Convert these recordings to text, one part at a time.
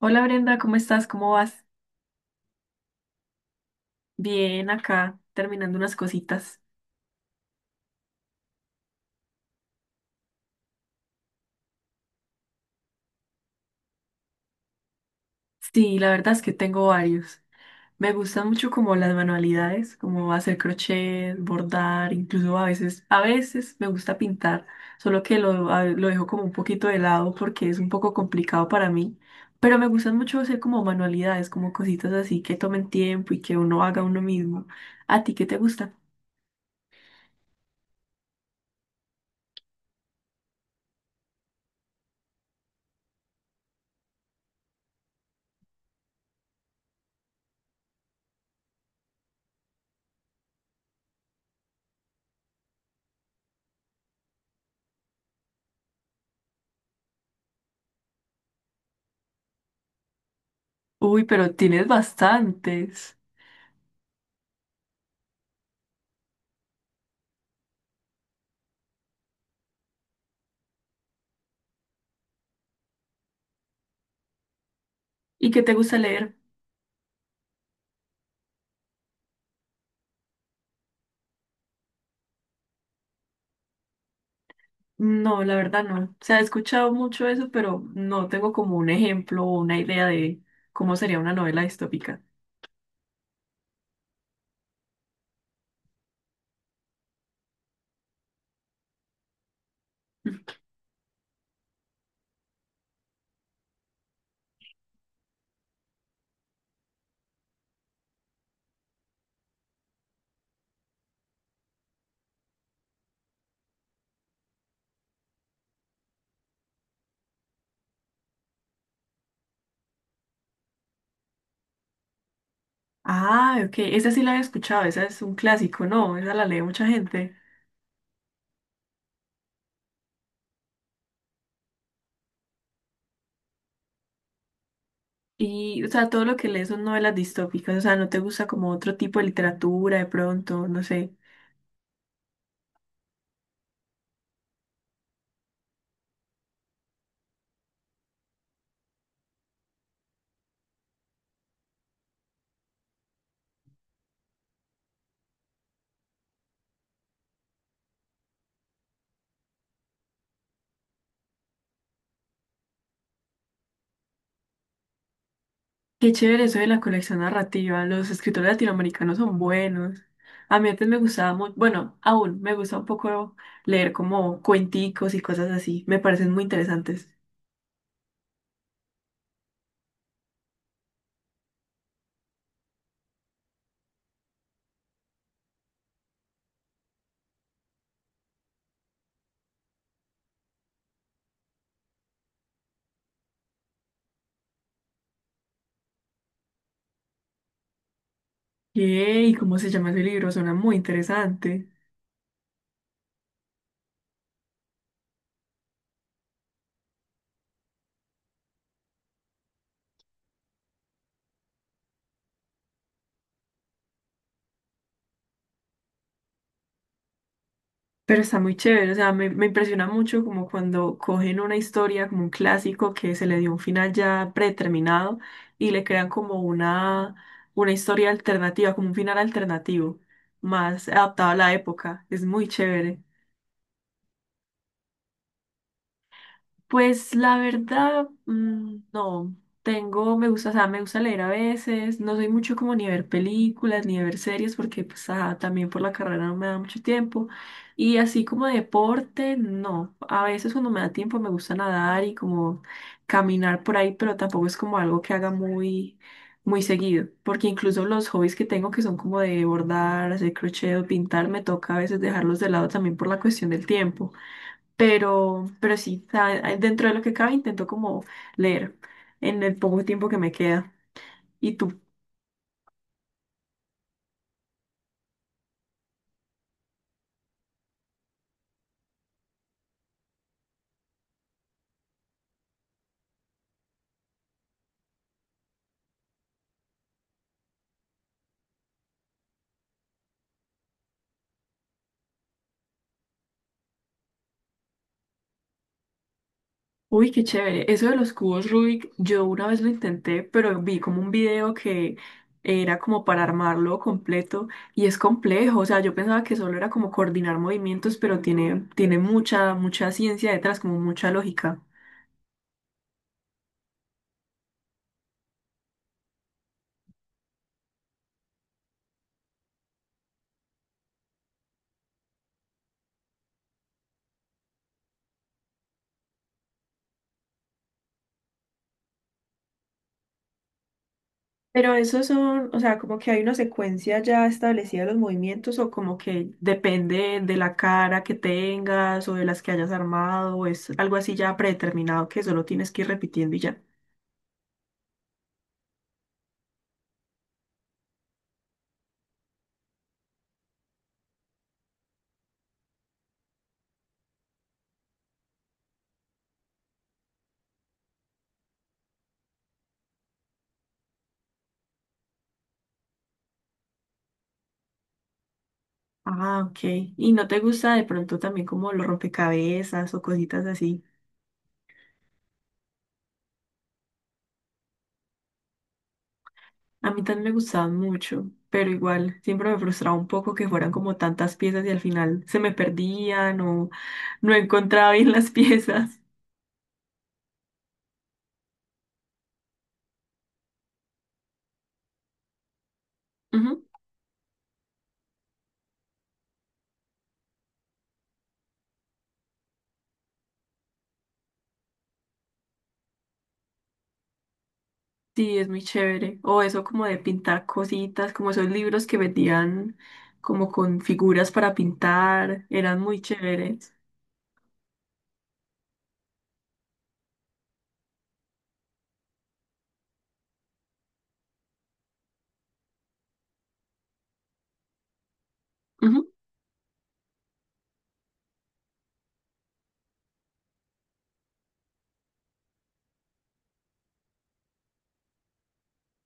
Hola Brenda, ¿cómo estás? ¿Cómo vas? Bien, acá terminando unas cositas. Sí, la verdad es que tengo varios. Me gustan mucho como las manualidades, como hacer crochet, bordar, incluso a veces me gusta pintar, solo que lo dejo como un poquito de lado porque es un poco complicado para mí. Pero me gustan mucho hacer como manualidades, como cositas así que tomen tiempo y que uno haga uno mismo. ¿A ti qué te gusta? Uy, pero tienes bastantes. ¿Y qué te gusta leer? No, la verdad no. O sea, he escuchado mucho eso, pero no tengo como un ejemplo o una idea de cómo sería una novela distópica. Ah, ok, esa sí la he escuchado, esa es un clásico, ¿no? Esa la lee mucha gente. Y, o sea, todo lo que lees son novelas distópicas, o sea, no te gusta como otro tipo de literatura de pronto, no sé. Qué chévere eso de la colección narrativa, los escritores latinoamericanos son buenos. A mí antes me gustaba mucho, bueno, aún me gusta un poco leer como cuenticos y cosas así, me parecen muy interesantes. Yay, ¿cómo se llama ese libro? Suena muy interesante. Pero está muy chévere, o sea, me impresiona mucho como cuando cogen una historia, como un clásico que se le dio un final ya predeterminado y le crean como una historia alternativa, como un final alternativo, más adaptado a la época. Es muy chévere. Pues la verdad, no. Tengo, me gusta, o sea, me gusta leer a veces. No soy mucho como ni ver películas ni ver series porque pues también por la carrera no me da mucho tiempo. Y así como deporte, no. A veces cuando me da tiempo me gusta nadar y como caminar por ahí, pero tampoco es como algo que haga muy, muy seguido. Porque incluso los hobbies que tengo que son como de bordar, hacer crochet o pintar, me toca a veces dejarlos de lado también por la cuestión del tiempo. Pero sí, o sea, dentro de lo que cabe intento como leer en el poco tiempo que me queda. ¿Y tú? Uy, qué chévere. Eso de los cubos Rubik, yo una vez lo intenté, pero vi como un video que era como para armarlo completo y es complejo. O sea, yo pensaba que solo era como coordinar movimientos, pero tiene mucha, mucha ciencia detrás, como mucha lógica. Pero esos son, o sea, como que hay una secuencia ya establecida de los movimientos o como que depende de la cara que tengas o de las que hayas armado o es algo así ya predeterminado que solo tienes que ir repitiendo y ya. Ah, ok. ¿Y no te gusta de pronto también como los rompecabezas o cositas así? A mí también me gustaban mucho, pero igual siempre me frustraba un poco que fueran como tantas piezas y al final se me perdían o no encontraba bien las piezas. Ujú. Sí, es muy chévere. O eso como de pintar cositas, como esos libros que vendían como con figuras para pintar, eran muy chéveres. Ujú.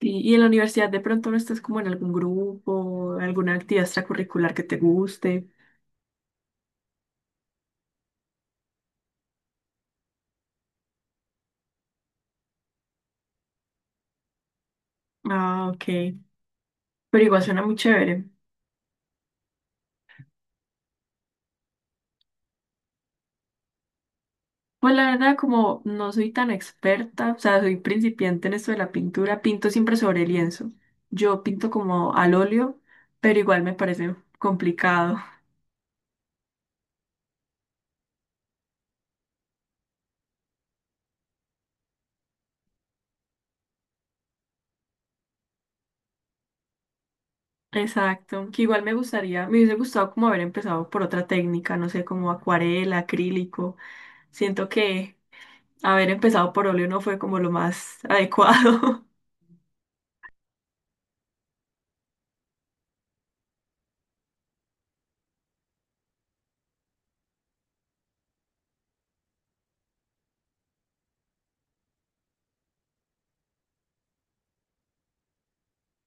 Y en la universidad de pronto no estás como en algún grupo, alguna actividad extracurricular que te guste. Ah, ok. Pero igual suena muy chévere. Pues la verdad, como no soy tan experta, o sea, soy principiante en esto de la pintura, pinto siempre sobre lienzo. Yo pinto como al óleo, pero igual me parece complicado. Exacto, que igual me gustaría, me hubiese gustado como haber empezado por otra técnica, no sé, como acuarela, acrílico. Siento que haber empezado por óleo no fue como lo más adecuado.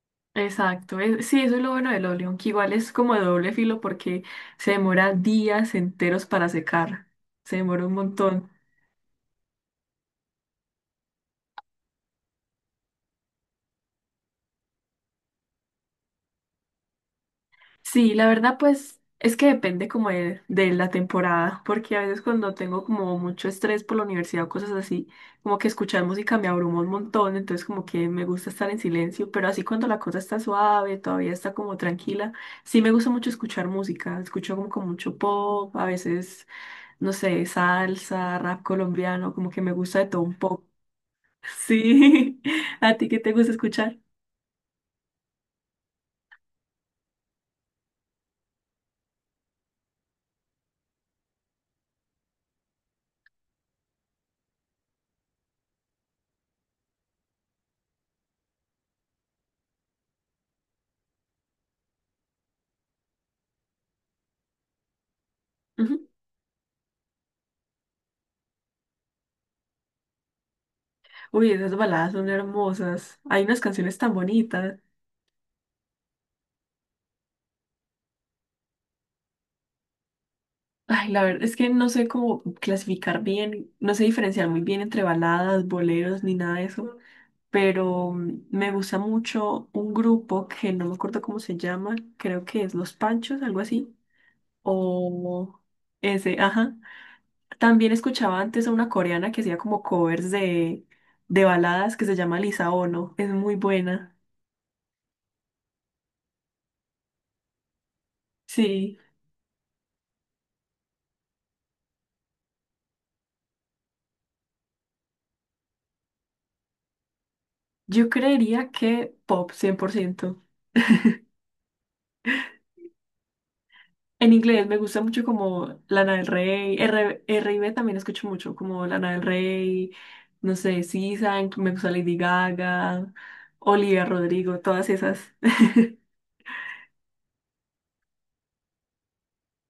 Exacto, sí, eso es lo bueno del óleo, que igual es como de doble filo porque se demora días enteros para secar, se demora un montón. Sí, la verdad, pues es que depende como de la temporada, porque a veces cuando tengo como mucho estrés por la universidad o cosas así, como que escuchar música me abruma un montón, entonces como que me gusta estar en silencio, pero así cuando la cosa está suave, todavía está como tranquila, sí me gusta mucho escuchar música, escucho como con mucho pop, a veces, no sé, salsa, rap colombiano, como que me gusta de todo un poco. Sí, ¿a ti qué te gusta escuchar? Ujú. Uy, esas baladas son hermosas. Hay unas canciones tan bonitas. Ay, la verdad es que no sé cómo clasificar bien, no sé diferenciar muy bien entre baladas, boleros, ni nada de eso, pero me gusta mucho un grupo que no me acuerdo cómo se llama, creo que es Los Panchos, algo así, o ese, ajá. También escuchaba antes a una coreana que hacía como covers de baladas que se llama Lisa Ono, es muy buena. Sí, yo creería que pop 100%. En inglés me gusta mucho como Lana del Rey, R, R. R&B también escucho mucho, como Lana del Rey, no sé, SZA, me gusta Lady Gaga, Olivia Rodrigo, todas esas.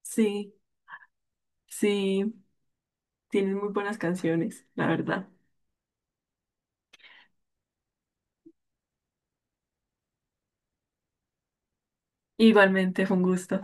Sí, sí, tienen muy buenas canciones, la verdad. Igualmente, fue un gusto.